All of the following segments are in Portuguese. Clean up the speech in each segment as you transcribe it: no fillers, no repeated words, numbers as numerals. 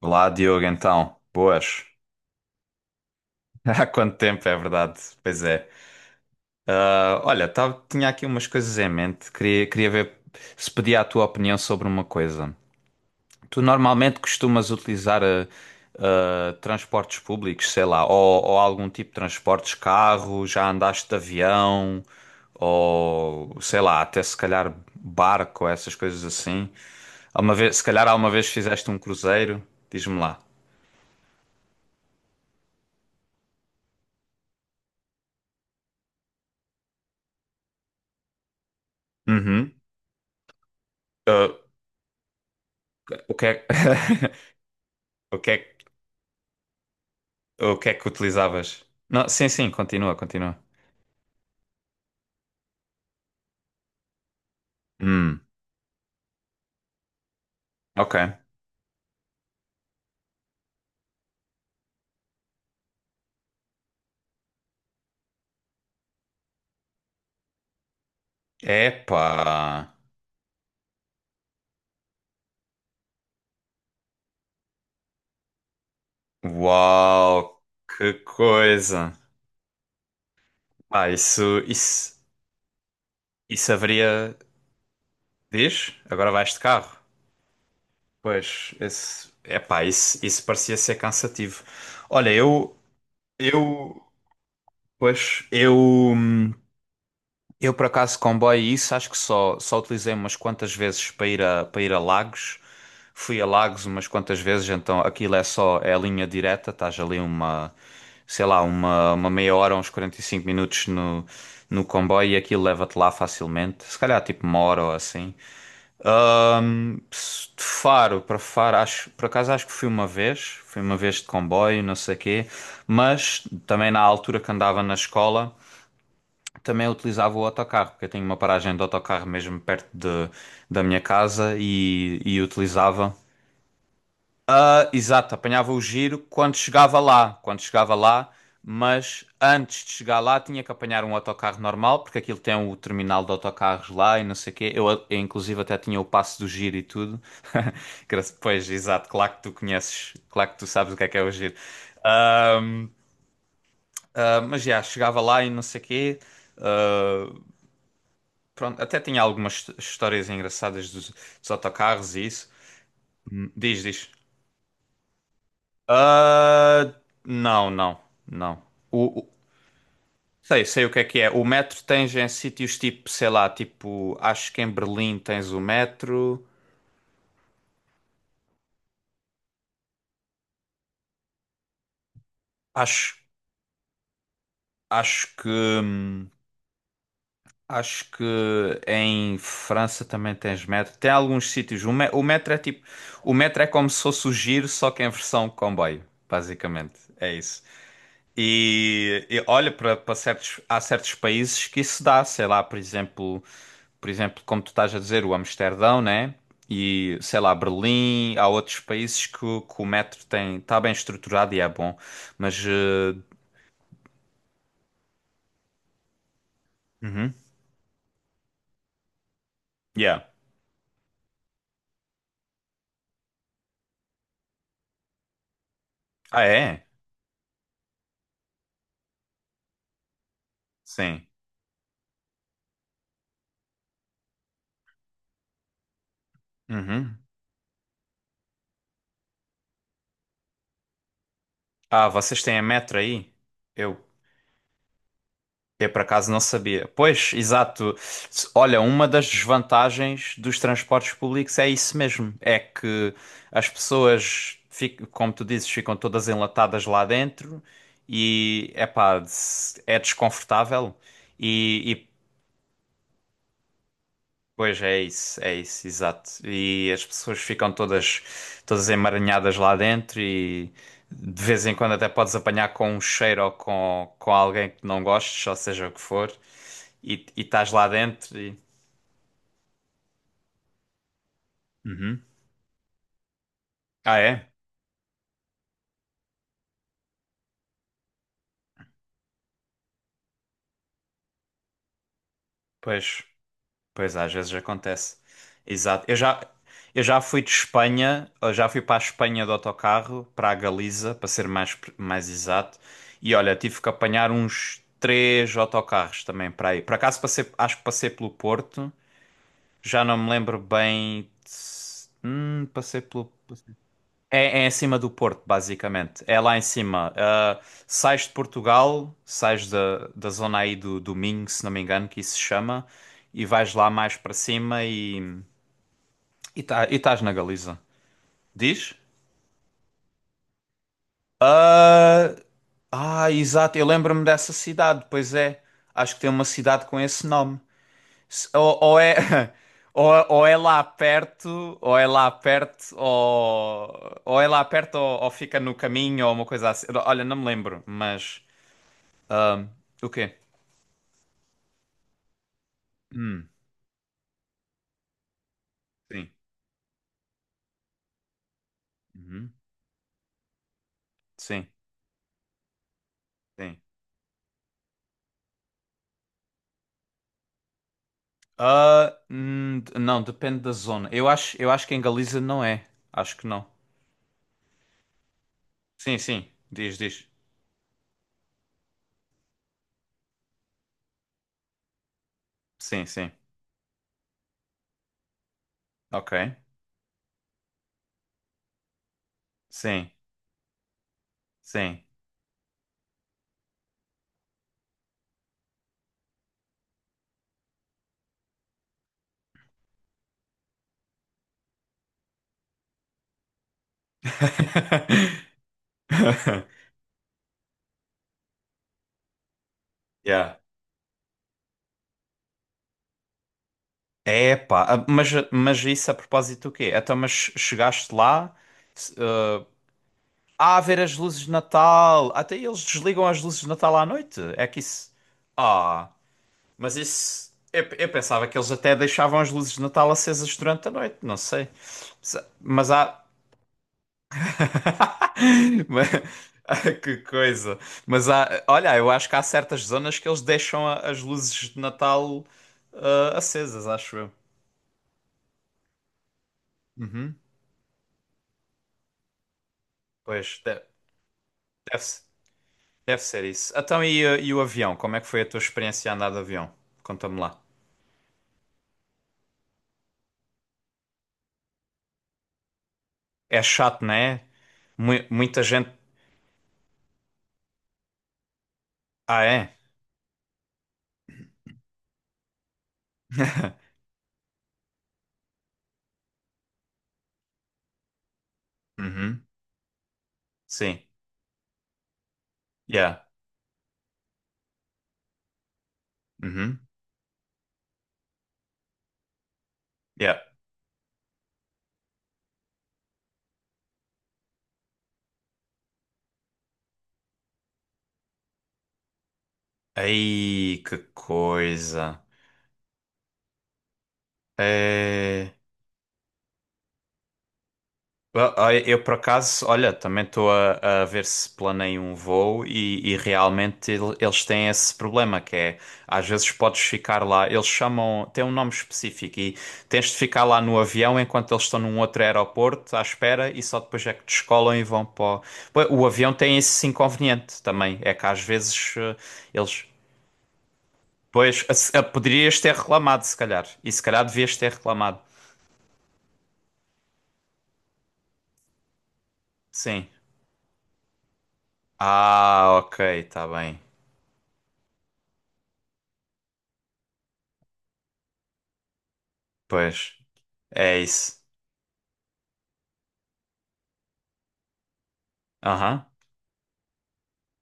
Olá, Diogo, então. Boas. Há quanto tempo, é verdade. Pois é. Ah, olha, tava, tinha aqui umas coisas em mente. Queria ver se pedia a tua opinião sobre uma coisa. Tu normalmente costumas utilizar transportes públicos, sei lá, ou algum tipo de transportes, carro, já andaste de avião, ou sei lá, até se calhar barco, essas coisas assim. Alguma vez, se calhar alguma vez fizeste um cruzeiro, diz-me lá. Uhum. Ah, o que é... O que é que, o que é que utilizavas? Não, sim, sim, continua, continua. Hum, ok. Epá. Uau, que coisa. Ah, isso haveria. Diz? Agora vais de carro. Pois, esse, epá, isso parecia ser cansativo. Olha, eu, pois, eu, por acaso, comboio, e isso acho que só utilizei umas quantas vezes para ir a Lagos. Fui a Lagos umas quantas vezes, então aquilo é só, é a linha direta, estás ali sei lá, uma meia hora, uns 45 minutos no comboio e aquilo leva-te lá facilmente. Se calhar tipo uma hora ou assim. De Faro para Faro, acho, por acaso acho que fui uma vez, de comboio, não sei quê, mas também na altura que andava na escola. Também utilizava o autocarro, porque eu tenho uma paragem de autocarro mesmo perto da minha casa e utilizava. Ah, exato, apanhava o giro quando chegava lá, mas antes de chegar lá tinha que apanhar um autocarro normal, porque aquilo tem o terminal de autocarros lá e não sei o quê. Eu, inclusive, até tinha o passo do giro e tudo. Pois, exato, claro que tu conheces, claro que tu sabes o que é o giro. Ah, mas já, chegava lá e não sei o quê. Ah, Pronto, até tinha algumas histórias engraçadas dos autocarros e isso. Diz, diz. Ah, não, não, não. O, o- sei o que é que é. O metro tens em sítios tipo, sei lá, tipo, acho que em Berlim tens o metro. Acho, acho que, hum, acho que em França também tens metro. Tem alguns sítios. O metro é como se fosse o giro, só que em versão comboio, basicamente. É isso. E olha para certos, há certos países que isso dá, sei lá, por exemplo, como tu estás a dizer, o Amsterdão, né? E sei lá, Berlim, há outros países que o metro tem, está bem estruturado e é bom, mas uhum, yeah. Ah, é? Sim. Uhum. Ah, vocês têm a metro aí? Eu Eu por acaso não sabia. Pois, exato. Olha, uma das desvantagens dos transportes públicos é isso mesmo. É que as pessoas, como tu dizes, ficam todas enlatadas lá dentro e, epá, é desconfortável. E pois é isso, exato. E as pessoas ficam todas emaranhadas lá dentro e de vez em quando até podes apanhar com um cheiro ou com alguém que não gostes, ou seja o que for, e estás lá dentro e. Uhum. Ah, é? Pois, pois, às vezes acontece. Exato. Eu já fui para a Espanha de autocarro, para a Galiza, para ser mais, mais exato. E olha, tive que apanhar uns três autocarros também para aí. Por acaso passei, acho que passei pelo Porto, já não me lembro bem. De se- Passei pelo. É em cima do Porto, basicamente. É lá em cima. Ah, sais de Portugal, sais da zona aí do Minho, se não me engano, que isso se chama, e vais lá mais para cima e estás na Galiza. Diz? Ah, ah, exato. Eu lembro-me dessa cidade, pois é. Acho que tem uma cidade com esse nome. Ou é, ou é lá perto, ou é lá perto, ou fica no caminho, ou uma coisa assim. Olha, não me lembro, mas. ah, o quê? Hum, sim. Uhum, sim, sim. Ah, não, depende da zona. Eu acho que em Galiza não é. Acho que não. Sim, sim. Diz, diz. Sim, sim. Ok. Sim, sim. Yeah. É, pá, mas isso a propósito do quê? Então, mas chegaste lá, se- eh, a ver as luzes de Natal, até eles desligam as luzes de Natal à noite, é que isso. Ah, mas isso. Eu pensava que eles até deixavam as luzes de Natal acesas durante a noite, não sei. Mas há. Mas- Ah, que coisa. Mas há. Olha, eu acho que há certas zonas que eles deixam as luzes de Natal acesas, acho eu. Uhum. Pois, deve-se. Deve ser isso. Então, e o avião? Como é que foi a tua experiência a andar de avião? Conta-me lá. É chato, não é? Muita gente. Ah, é? Uhum. Sim. Yeah. Uhum. Yeah. Aí, que coisa. É. Ah, eu, por acaso, olha, também estou a ver se planeio um voo e realmente eles têm esse problema, que é, às vezes podes ficar lá, eles chamam, tem um nome específico e tens de ficar lá no avião enquanto eles estão num outro aeroporto à espera e só depois é que descolam e vão para o. Pois, o avião tem esse inconveniente também, é que às vezes eles. Pois, poderias ter reclamado, se calhar, e se calhar devias ter reclamado, sim. Ah, ok, está bem, pois. É isso. Aham,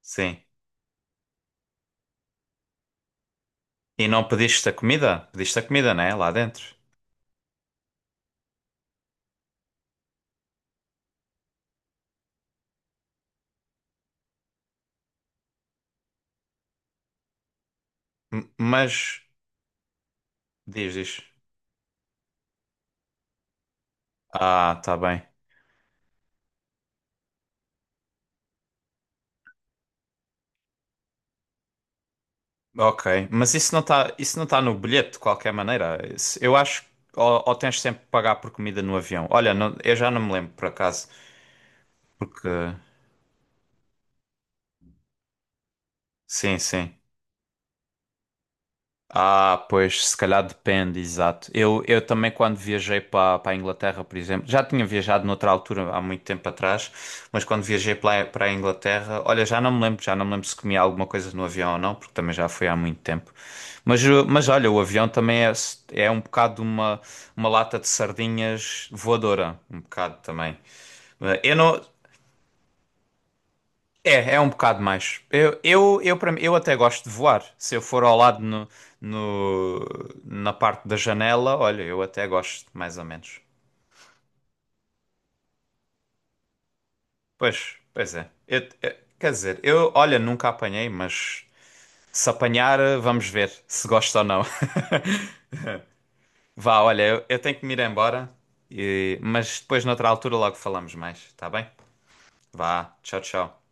sim. E não pediste a comida? Pediste a comida, né? Lá dentro. Mas, diz, diz. Ah, tá bem. Ok. Mas isso não está, isso não tá no bilhete, de qualquer maneira. Eu acho que ou tens sempre que pagar por comida no avião. Olha, eu já não me lembro, por acaso. Porque, sim, sim. Ah, pois, se calhar depende, exato. Eu também, quando viajei para a Inglaterra, por exemplo, já tinha viajado noutra altura, há muito tempo atrás, mas quando viajei para a Inglaterra, olha, já não me lembro, se comia alguma coisa no avião ou não, porque também já foi há muito tempo. Mas, olha, o avião também é um bocado uma lata de sardinhas voadora, um bocado também. Eu não. É um bocado mais. Eu até gosto de voar. Se eu for ao lado no- na parte da janela, olha, eu até gosto, mais ou menos. Pois é. Quer dizer, eu, olha, nunca apanhei, mas se apanhar, vamos ver se gosto ou não. Vá, olha, eu tenho que me ir embora, mas depois, noutra altura, logo falamos mais, tá bem? Vá, tchau, tchau.